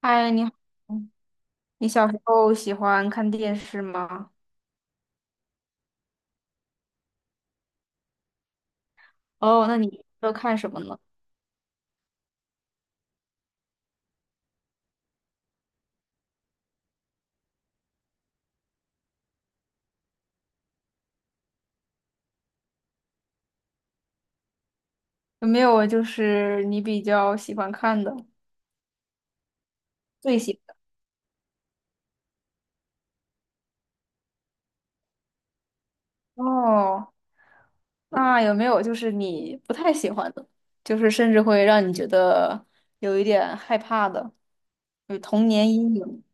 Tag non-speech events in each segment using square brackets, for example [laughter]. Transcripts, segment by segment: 嗨，你好，你小时候喜欢看电视吗？哦，那你都看什么呢？有没有就是你比较喜欢看的，最喜欢的？哦，那有没有就是你不太喜欢的，就是甚至会让你觉得有一点害怕的，有童年阴影？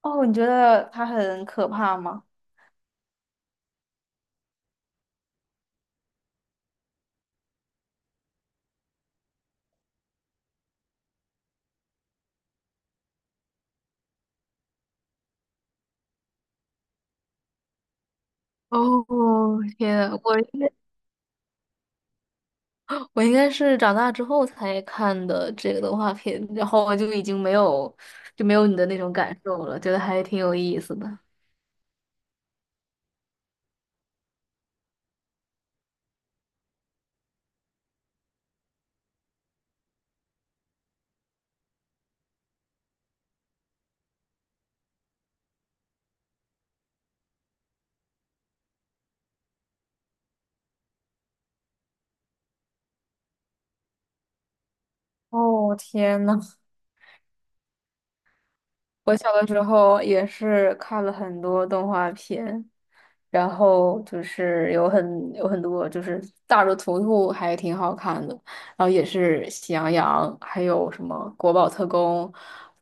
哦，你觉得它很可怕吗？哦，天啊，我应该是长大之后才看的这个动画片，然后我就已经没有你的那种感受了，觉得还挺有意思的。哦，天呐，我小的时候也是看了很多动画片，然后就是有很多就是大热图图还挺好看的，然后也是喜羊羊，还有什么国宝特工，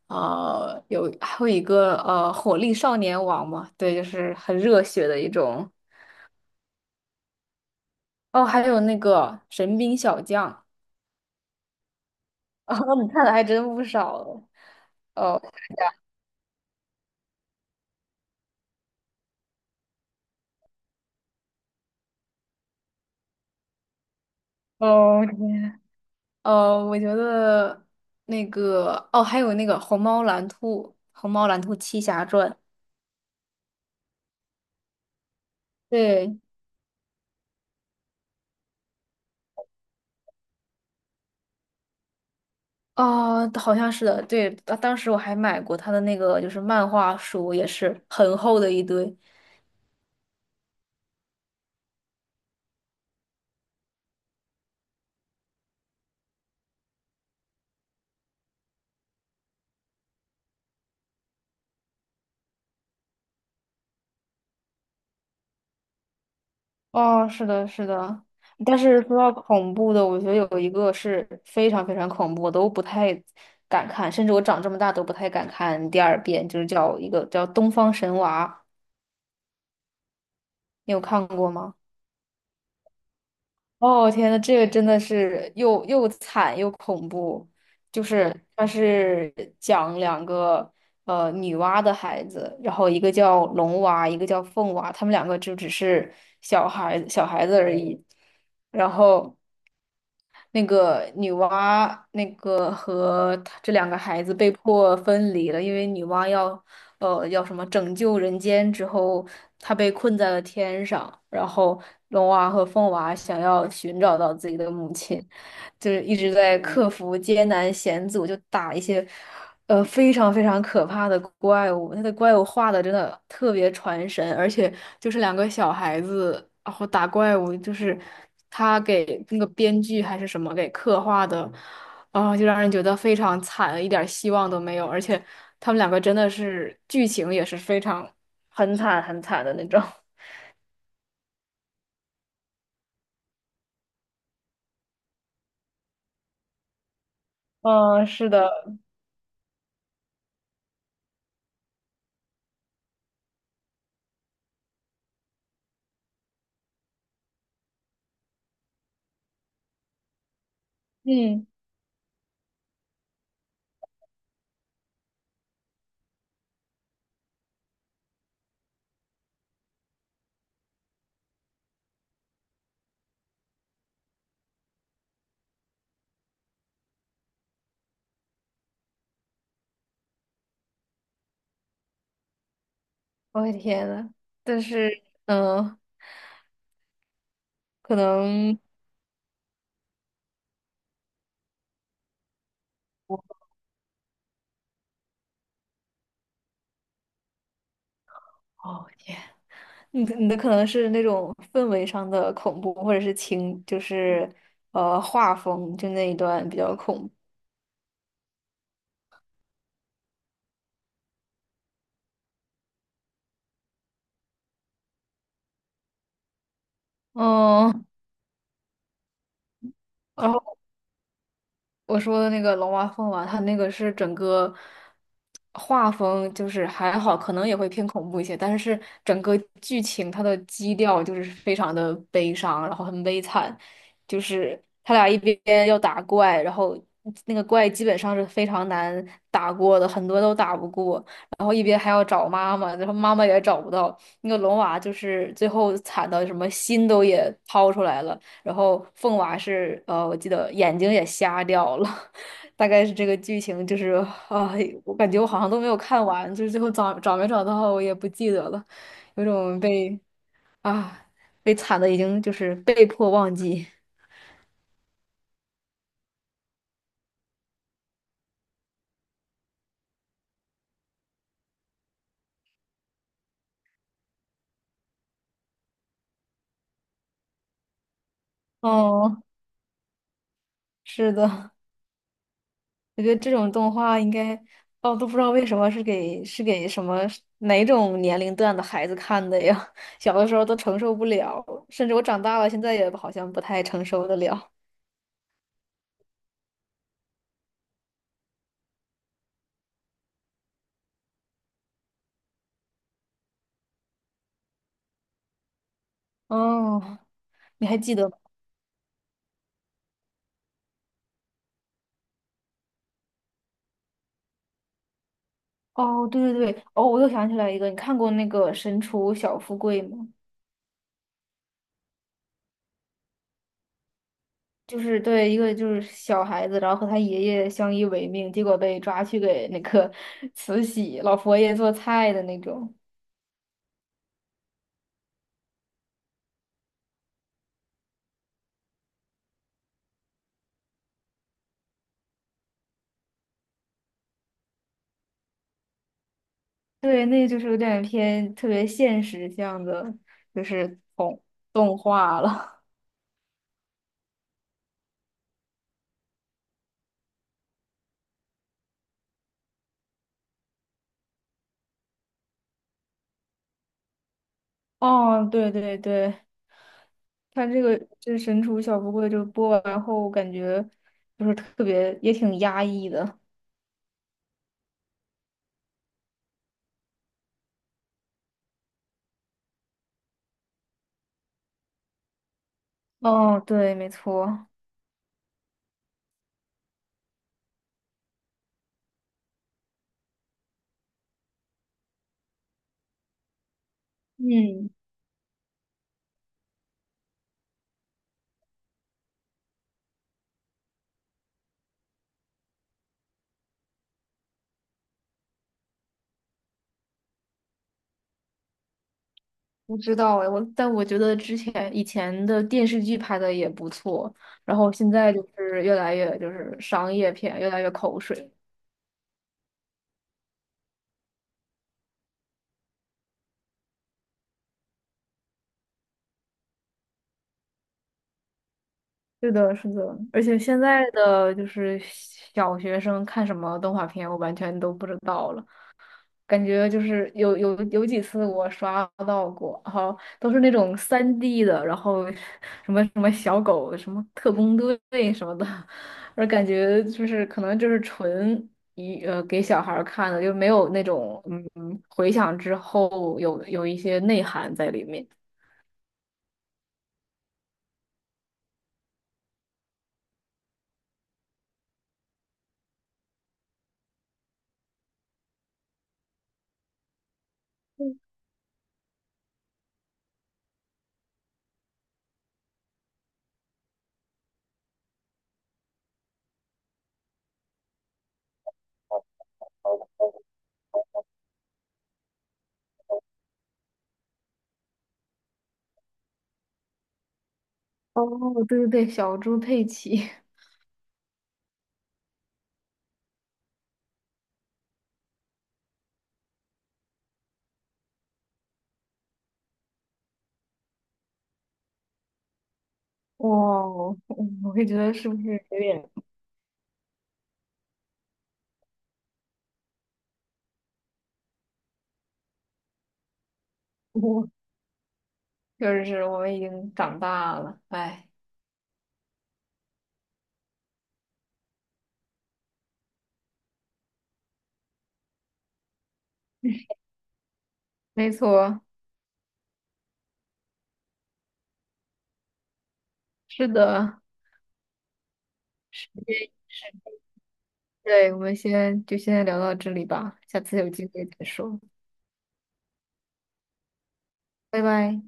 啊，有还有一个火力少年王嘛，对，就是很热血的一种。哦，还有那个《神兵小将》。哦，[laughs] 你看的还真不少哦。哦，哦，天，我觉得那个，哦，还有那个《虹猫蓝兔》《虹猫蓝兔七侠传》。对，哦，好像是的，对，当时我还买过他的那个就是漫画书，也是很厚的一堆。哦，是的，是的，但是说到恐怖的，我觉得有一个是非常非常恐怖，我都不太敢看，甚至我长这么大都不太敢看第二遍，就是叫一个叫《东方神娃》，你有看过吗？哦，天呐，这个真的是又惨又恐怖，就是它是讲两个女娲的孩子，然后一个叫龙娃，一个叫凤娃，他们两个就只是小孩子而已。然后那个女娲那个和她这两个孩子被迫分离了，因为女娲要叫什么拯救人间之后，他被困在了天上，然后龙娃和凤娃想要寻找到自己的母亲，就是一直在克服艰难险阻，就打一些非常非常可怕的怪物。他的怪物画的真的特别传神，而且就是两个小孩子，然后打怪物，就是他给那个编剧还是什么给刻画的，就让人觉得非常惨，一点儿希望都没有，而且他们两个真的是剧情也是非常很惨的那种。[laughs] 嗯，是的，嗯，我的天呐，但是嗯，可能哦，你的可能是那种氛围上的恐怖，或者是情，就是画风，就那一段比较恐怖。嗯。我说的那个龙娃凤娃，他那个是整个画风就是还好，可能也会偏恐怖一些，但是整个剧情它的基调就是非常的悲伤，然后很悲惨，就是他俩一边要打怪，然后那个怪基本上是非常难打过的，很多都打不过，然后一边还要找妈妈，然后妈妈也找不到，那个龙娃就是最后惨到什么心都也掏出来了。然后凤娃是我记得眼睛也瞎掉了，[laughs] 大概是这个剧情，就是啊、我感觉我好像都没有看完，就是最后找没找到我也不记得了，有种被啊被惨的已经就是被迫忘记。[laughs] 哦，是的，我觉得这种动画应该，哦，都不知道为什么是给什么哪种年龄段的孩子看的呀？[laughs] 小的时候都承受不了，甚至我长大了现在也好像不太承受得了。哦。你还记得吗？哦，对对对，哦，我又想起来一个，你看过那个《神厨小富贵》吗？就是对一个就是小孩子，然后和他爷爷相依为命，结果被抓去给那个 [laughs] 慈禧老佛爷做菜的那种。对，那就是有点偏特别现实向的，就是动动画了。[laughs] 哦，对对对，看这《神厨小富贵》就播完后，感觉就是特别也挺压抑的。哦，对，没错。嗯，不知道哎，我觉得之前以前的电视剧拍的也不错，然后现在就是商业片，越来越口水。是的，是的，而且现在的就是小学生看什么动画片，我完全都不知道了。感觉就是有几次我刷到过，然后都是那种三 d 的，然后什么什么小狗、什么特工队什么的，而感觉就是可能就是纯给小孩儿看的，就没有那种回想之后有一些内涵在里面。哦，对对对，小猪佩奇。 [laughs]，哇哦，[laughs] 我会觉得是不是有点，[laughs] 就是我们已经长大了，哎，没错，是的。对，我们先聊到这里吧，下次有机会再说，拜拜。